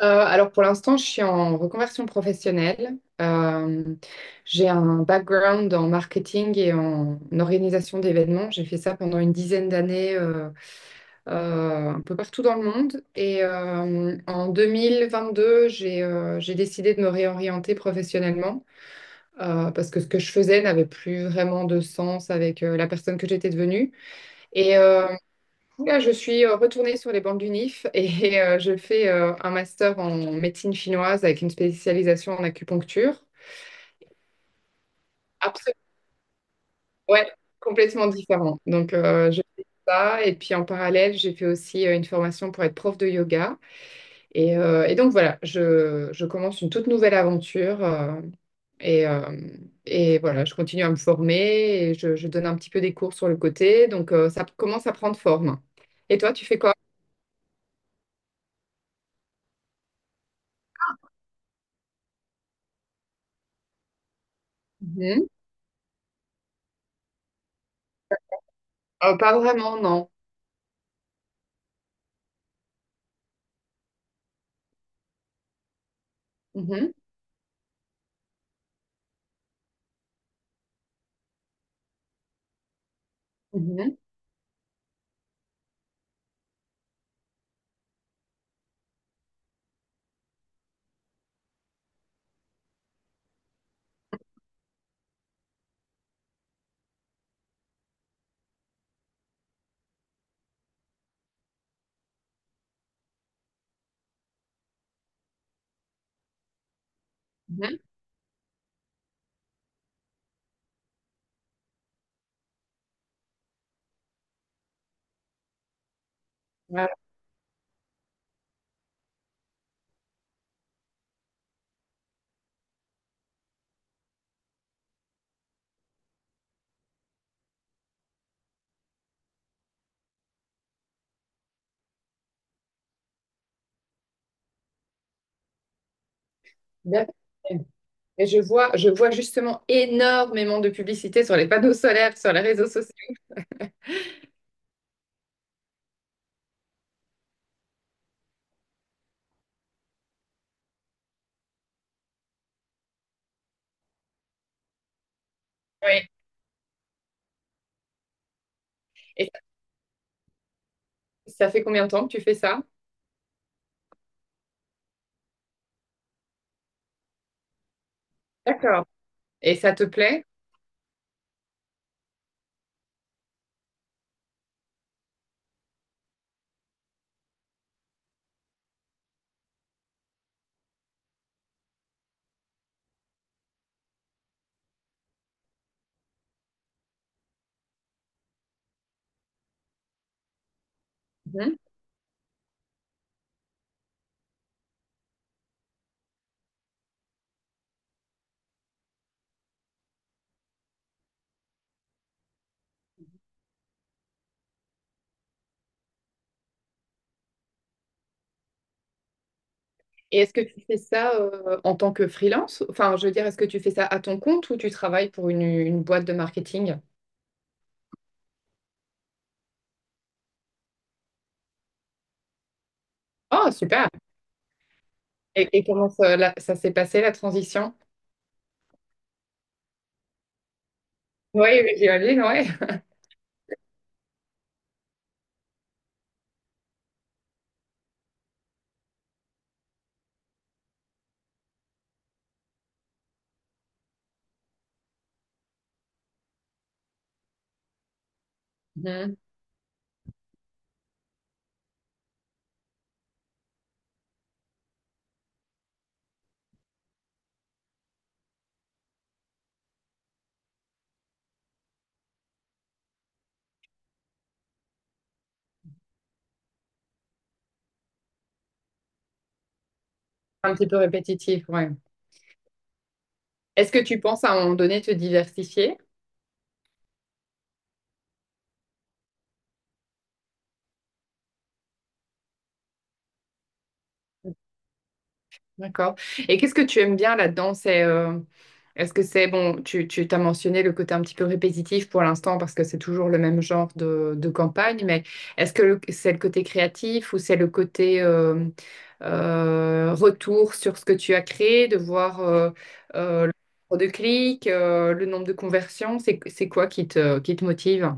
Alors pour l'instant, je suis en reconversion professionnelle. J'ai un background en marketing et en organisation d'événements. J'ai fait ça pendant une dizaine d'années un peu partout dans le monde. Et en 2022, j'ai décidé de me réorienter professionnellement parce que ce que je faisais n'avait plus vraiment de sens avec la personne que j'étais devenue. Et, euh, Là, je suis retournée sur les bancs du NIF et je fais un master en médecine chinoise avec une spécialisation en acupuncture. Absolument, ouais, complètement différent. Donc, je fais ça et puis en parallèle, j'ai fait aussi une formation pour être prof de yoga. Et donc, voilà, je commence une toute nouvelle aventure et, euh, et voilà, je continue à me former et je donne un petit peu des cours sur le côté. Donc, ça commence à prendre forme. Et toi, tu fais quoi? Mhm. Pas vraiment, non. Mhm, mhm, mhm. Voilà, bien. Et je vois justement énormément de publicité sur les panneaux solaires, sur les réseaux sociaux. Oui. Et ça fait combien de temps que tu fais ça? D'accord. Et ça te plaît? Mhm. Et est-ce que tu fais ça en tant que freelance? Enfin, je veux dire, est-ce que tu fais ça à ton compte ou tu travailles pour une boîte de marketing? Oh, super! Et comment ça, ça s'est passé, la transition? Oui, oui, j'imagine, ouais. Mhm. Un petit peu répétitif, ouais. Est-ce que tu penses à un moment donné te diversifier? D'accord. Et qu'est-ce que tu aimes bien là-dedans? C'est, est-ce que c'est, bon, tu t'as mentionné le côté un petit peu répétitif pour l'instant parce que c'est toujours le même genre de campagne, mais est-ce que c'est le côté créatif ou c'est le côté retour sur ce que tu as créé, de voir le nombre de clics, le nombre de conversions? C'est quoi qui te motive?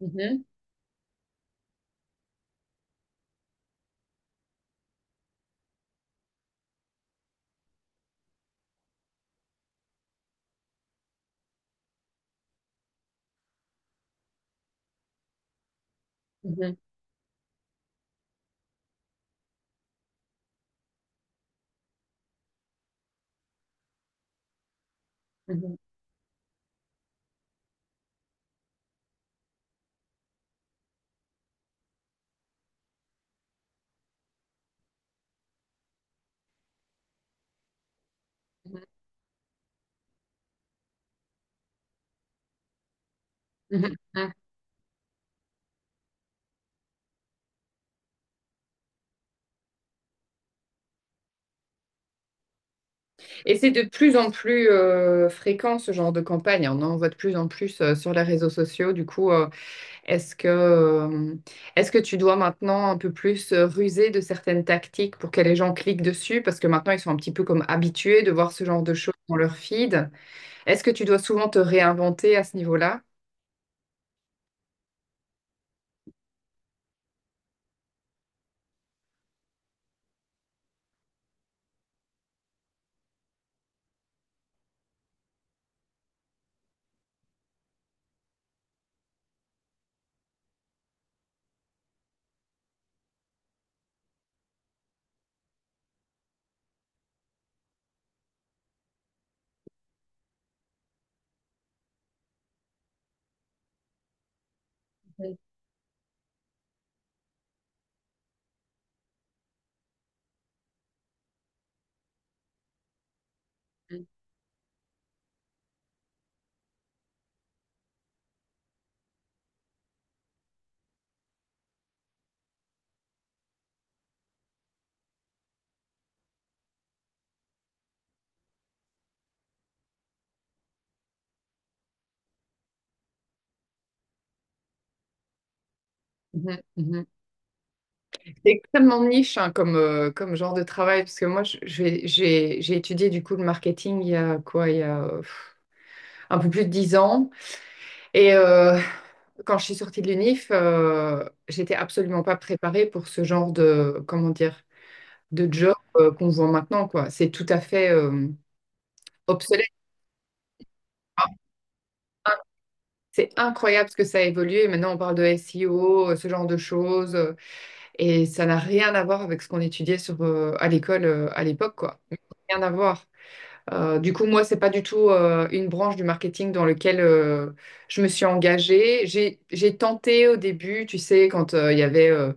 Mhm, mhm, mhm, mhm, mhm, mhm. Et c'est de plus en plus fréquent, ce genre de campagne, hein. On en voit de plus en plus sur les réseaux sociaux. Du coup, Est-ce que, euh, est-ce que tu dois maintenant un peu plus ruser de certaines tactiques pour que les gens cliquent dessus? Parce que maintenant, ils sont un petit peu comme habitués de voir ce genre de choses dans leur feed. Est-ce que tu dois souvent te réinventer à ce niveau-là? Mhm. Mhm, mhm. C'est extrêmement niche, hein, comme genre de travail, parce que moi, j'ai étudié du coup le marketing il y a quoi, il y a un peu plus de 10 ans. Et quand je suis sortie de l'UNIF, j'étais absolument pas préparée pour ce genre de, comment dire, de job qu'on voit maintenant, quoi. C'est tout à fait obsolète, hein. C'est incroyable ce que ça a évolué. Maintenant, on parle de SEO, ce genre de choses, et ça n'a rien à voir avec ce qu'on étudiait à l'école à l'époque, quoi. Rien à voir. Du coup, moi, c'est pas du tout une branche du marketing dans laquelle je me suis engagée. J'ai tenté au début, tu sais, quand il y avait euh,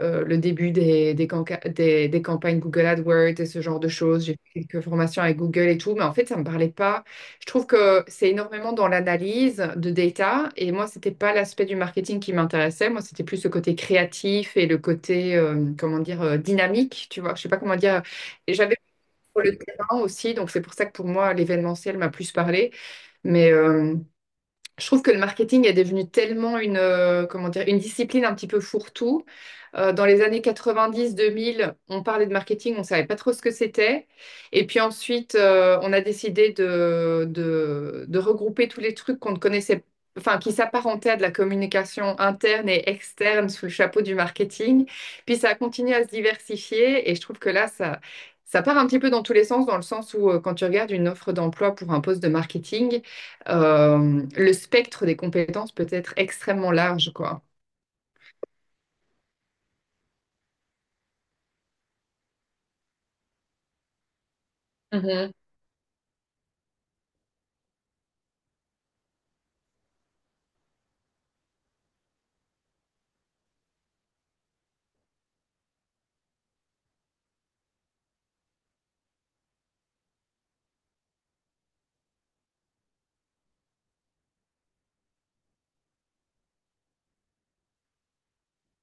euh, le début des campagnes Google AdWords et ce genre de choses. J'ai fait quelques formations avec Google et tout, mais en fait, ça me parlait pas. Je trouve que c'est énormément dans l'analyse de data et moi, c'était pas l'aspect du marketing qui m'intéressait. Moi, c'était plus le côté créatif et le côté, comment dire, dynamique, tu vois. Je sais pas comment dire. Et j'avais sur le terrain aussi. Donc, c'est pour ça que pour moi, l'événementiel m'a plus parlé. Mais, je trouve que le marketing est devenu tellement comment dire, une discipline un petit peu fourre-tout. Dans les années 90-2000, on parlait de marketing, on ne savait pas trop ce que c'était. Et puis ensuite, on a décidé de regrouper tous les trucs qu'on ne connaissait, enfin, qui s'apparentaient à de la communication interne et externe sous le chapeau du marketing. Puis ça a continué à se diversifier et je trouve que là, ça part un petit peu dans tous les sens, dans le sens où quand tu regardes une offre d'emploi pour un poste de marketing, le spectre des compétences peut être extrêmement large, quoi. Mhm,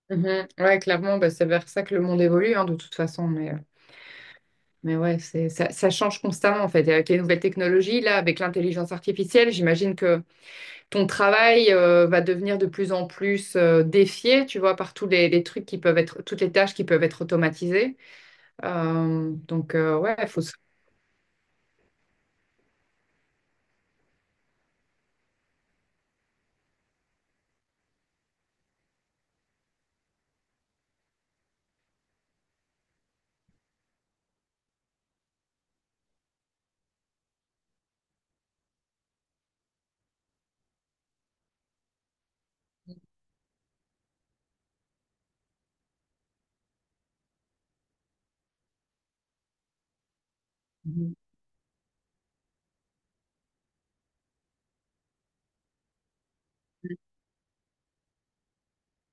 mhm. Ouais, clairement, bah, c'est vers ça que le monde évolue, hein, de toute façon. Mais ouais, ça, ça change constamment, en fait. Et avec les nouvelles technologies, là, avec l'intelligence artificielle, j'imagine que ton travail, va devenir de plus en plus, défié, tu vois, par tous les trucs qui peuvent toutes les tâches qui peuvent être automatisées. Donc, ouais, il faut se. Mhm.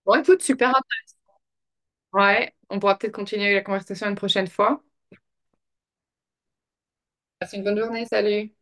Bon, écoute, super. Ouais, on pourra peut-être continuer la conversation une prochaine fois. Passe une bonne journée, salut.